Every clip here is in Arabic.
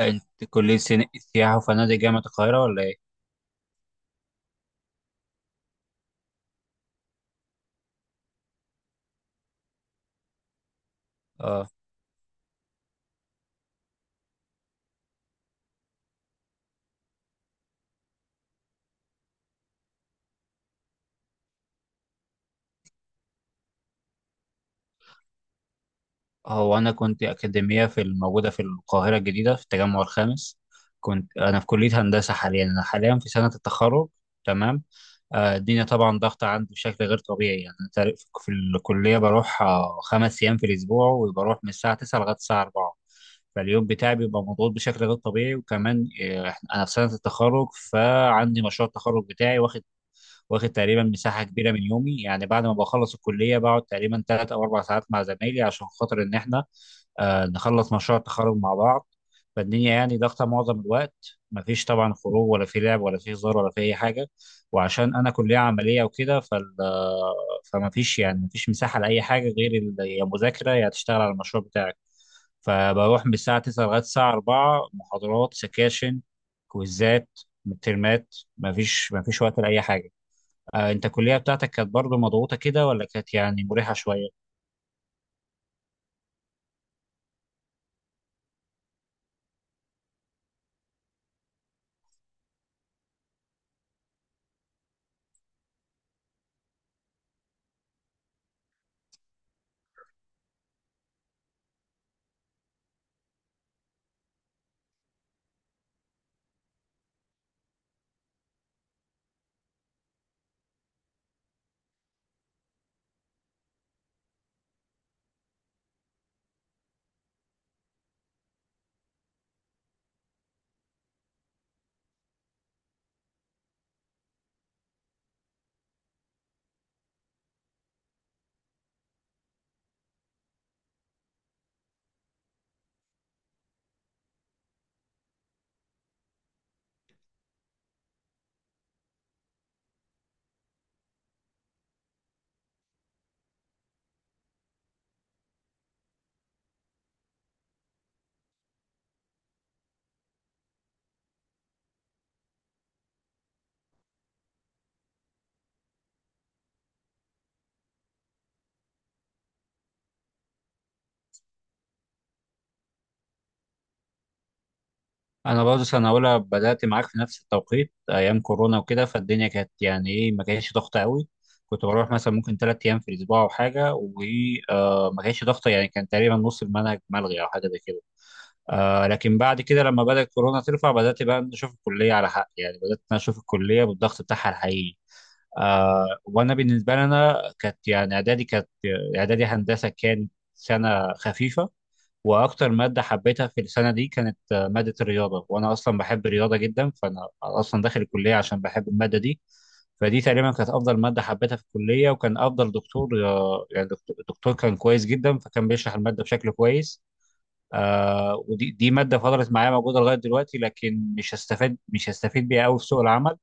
انت كلية سياحة وفنادق جامعة القاهرة ولا ايه؟ اه، هو انا كنت اكاديمية في الموجودة في القاهرة الجديدة في التجمع الخامس. كنت انا في كلية هندسة. حاليا انا حاليا في سنة التخرج. تمام. الدنيا طبعا ضغطة عندي بشكل غير طبيعي. يعني أنا تعرف في الكلية بروح 5 أيام في الأسبوع، وبروح من الساعة 9 لغاية الساعة 4. فاليوم بتاعي بيبقى مضغوط بشكل غير طبيعي، وكمان أنا في سنة التخرج فعندي مشروع التخرج بتاعي واخد، واخد تقريبا مساحه كبيره من يومي. يعني بعد ما بخلص الكليه بقعد تقريبا 3 او 4 ساعات مع زمايلي عشان خاطر ان احنا نخلص مشروع التخرج مع بعض. فالدنيا يعني ضاغطه معظم الوقت، مفيش طبعا خروج ولا في لعب ولا في هزار ولا في اي حاجه. وعشان انا كليه عمليه وكده فال آه، فمفيش يعني مفيش مساحه لاي حاجه غير يا مذاكره يا تشتغل على المشروع بتاعك. فبروح من الساعه 9 لغايه الساعه 4، محاضرات، سكاشن، كويزات، مترمات، مفيش وقت لاي حاجه. انت الكليه بتاعتك كانت برضو مضغوطه كده ولا كانت يعني مريحه شويه؟ انا برضو سنه اولى بدات معاك في نفس التوقيت ايام كورونا وكده، فالدنيا كانت يعني ايه، ما كانتش ضغطه قوي. كنت بروح مثلا ممكن 3 ايام في الاسبوع او حاجه، وما كانتش ضغطه. يعني كان تقريبا نص المنهج ملغي او حاجه زي كده. آه، لكن بعد كده لما بدات كورونا ترفع بدات بقى نشوف الكليه على حق. يعني بدات إن أنا اشوف الكليه بالضغط بتاعها الحقيقي. آه، وانا بالنسبه لي انا كانت يعني اعدادي هندسه كانت سنه خفيفه. واكتر ماده حبيتها في السنه دي كانت ماده الرياضه، وانا اصلا بحب الرياضه جدا، فانا اصلا داخل الكليه عشان بحب الماده دي. فدي تقريبا كانت افضل ماده حبيتها في الكليه، وكان افضل دكتور الدكتور كان كويس جدا، فكان بيشرح الماده بشكل كويس. آه، ودي ماده فضلت معايا موجوده لغايه دلوقتي، لكن مش هستفيد بيها قوي في سوق العمل.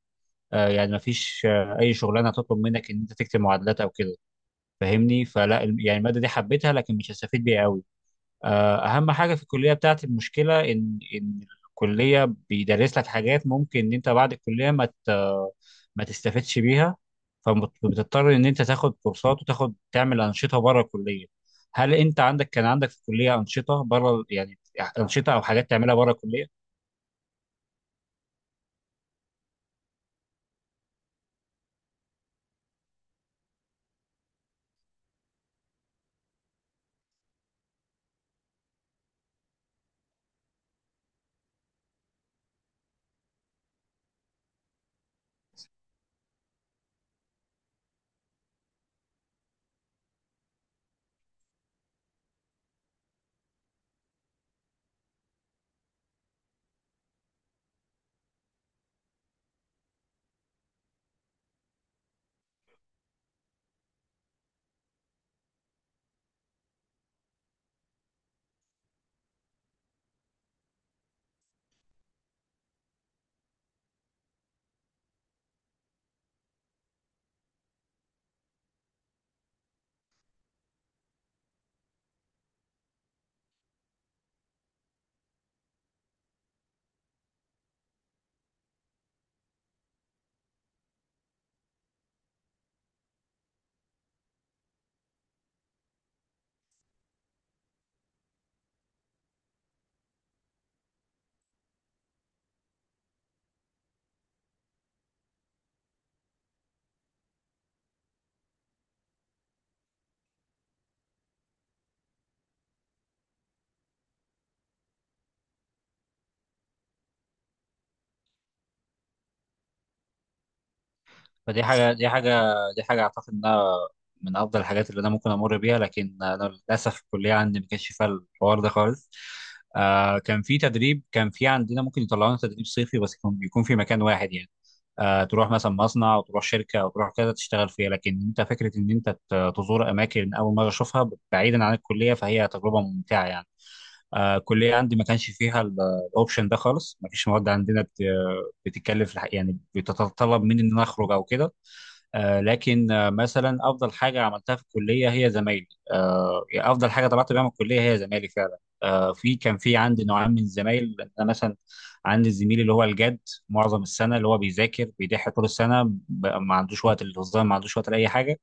آه، يعني ما فيش آه اي شغلانه تطلب منك ان انت تكتب معادلات او كده، فاهمني؟ فلا يعني الماده دي حبيتها لكن مش هستفيد بيها قوي. آه، اهم حاجه في الكليه بتاعتي المشكله ان الكليه بيدرس لك حاجات ممكن ان انت بعد الكليه ما تستفدش بيها. فبتضطر ان انت تاخد كورسات وتاخد تعمل انشطه بره الكليه. هل انت عندك كان عندك في الكليه انشطه بره؟ يعني انشطه او حاجات تعملها بره الكليه. فدي حاجة دي حاجة دي حاجة أعتقد إنها من أفضل الحاجات اللي أنا ممكن أمر بيها. لكن أنا للأسف الكلية عندي ما كانش فيها الحوار ده خالص. آه، كان في تدريب، كان في عندنا ممكن يطلعونا تدريب صيفي، بس يكون يكون في مكان واحد. يعني آه، تروح مثلا مصنع أو تروح شركة أو تروح كذا تشتغل فيها، لكن أنت فكرة إن أنت تزور أماكن أول مرة أشوفها بعيدا عن الكلية، فهي تجربة ممتعة يعني. آه، الكلية عندي ما كانش فيها الأوبشن ده خالص. ما فيش مواد عندنا بتتكلف يعني بتتطلب مني إن أنا أخرج أو كده. آه، لكن آه، مثلا افضل حاجه عملتها في الكليه هي زمايلي. آه، يعني افضل حاجه طلعت بيها من الكليه هي زمايلي فعلا. آه، كان في عندي نوعين من الزمايل. انا مثلا عندي الزميل اللي هو الجد، معظم السنه اللي هو بيذاكر، بيضحي طول السنه، ما عندوش وقت للهزار، ما عندوش وقت لاي حاجه،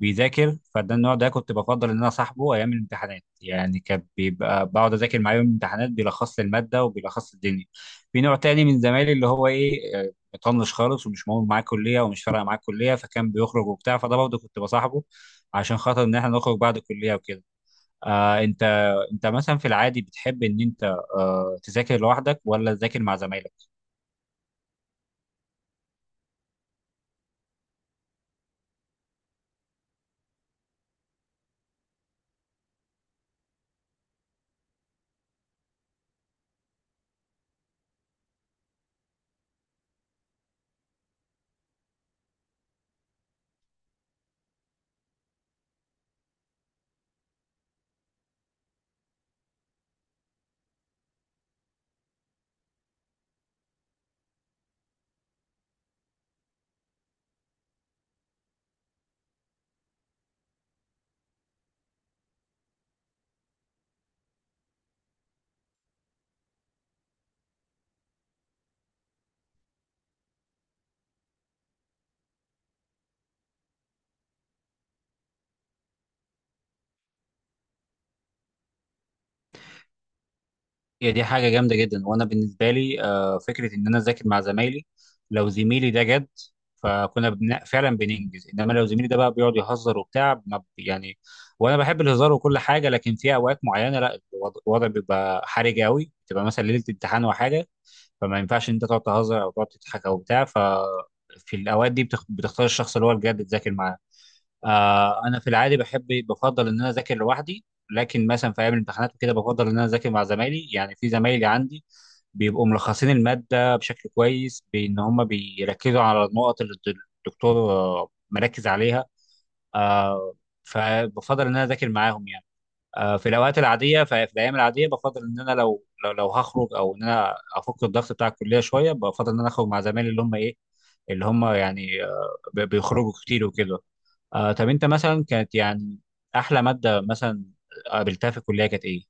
بيذاكر. فده النوع ده كنت بفضل ان انا صاحبه ايام الامتحانات. يعني كان بيبقى بقعد اذاكر معاه يوم الامتحانات، بيلخص لي الماده وبيلخص لي الدنيا. في نوع تاني من زمايلي اللي هو ايه، مطنش خالص ومش مهم معاه كليه ومش فارقه معاه كليه، فكان بيخرج وبتاع. فده برضه كنت بصاحبه عشان خاطر ان احنا نخرج بعد الكليه وكده. آه، انت مثلا في العادي بتحب ان انت تذاكر لوحدك ولا تذاكر مع زمايلك؟ هي دي حاجة جامدة جدا. وأنا بالنسبة لي فكرة إن أنا أذاكر مع زمايلي، لو زميلي ده جد فكنا فعلا بننجز. إنما لو زميلي ده بقى بيقعد يهزر وبتاع ما ب- يعني وأنا بحب الهزار وكل حاجة، لكن في أوقات معينة لا، الوضع بيبقى حرج قوي، بتبقى مثلا ليلة امتحان وحاجة، فما ينفعش إن أنت تقعد تهزر أو تقعد تضحك أو بتاع. ف في الأوقات دي بتختار الشخص اللي هو الجد تذاكر معاه. آه، انا في العادي بحب بفضل ان انا اذاكر لوحدي، لكن مثلا في ايام الامتحانات وكده بفضل ان انا اذاكر مع زمايلي. يعني في زمايلي عندي بيبقوا ملخصين الماده بشكل كويس، بان هم بيركزوا على النقط اللي الدكتور مركز عليها. آه، فبفضل ان انا اذاكر معاهم يعني. آه، في الاوقات العاديه في الايام العاديه بفضل ان انا لو لو هخرج او ان انا افك الضغط بتاع الكليه شويه، بفضل ان انا اخرج مع زمايلي اللي هم ايه، اللي هم يعني بيخرجوا كتير وكده. آه، طب انت مثلا كانت يعني احلى ماده مثلا قابلتها في الكليه كانت ايه؟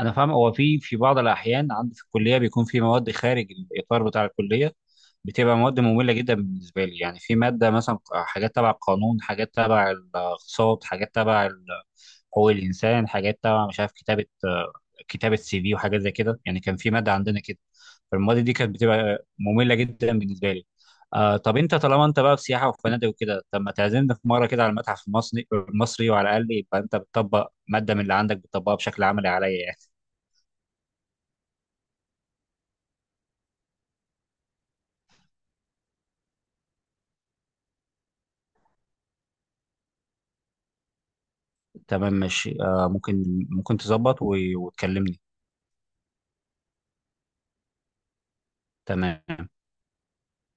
انا فاهم. هو في في بعض الاحيان عندي في الكليه بيكون في مواد خارج الاطار بتاع الكليه، بتبقى مواد ممله جدا بالنسبه لي. يعني في ماده مثلا حاجات تبع القانون، حاجات تبع الاقتصاد، حاجات تبع حقوق الانسان، حاجات تبع مش عارف كتابه، كتابه سي في وحاجات زي كده. يعني كان في ماده عندنا كده، فالمواد دي كانت بتبقى ممله جدا بالنسبه لي. آه، طب انت طالما انت بقى في سياحه وفنادق وكده، طب ما تعزمنا في مره كده على المتحف المصري، وعلى الاقل يبقى انت بتطبق ماده من اللي عندك بتطبقها بشكل عملي عليا يعني. تمام، ماشي. آه، ممكن ممكن تظبط وتكلمني. تمام.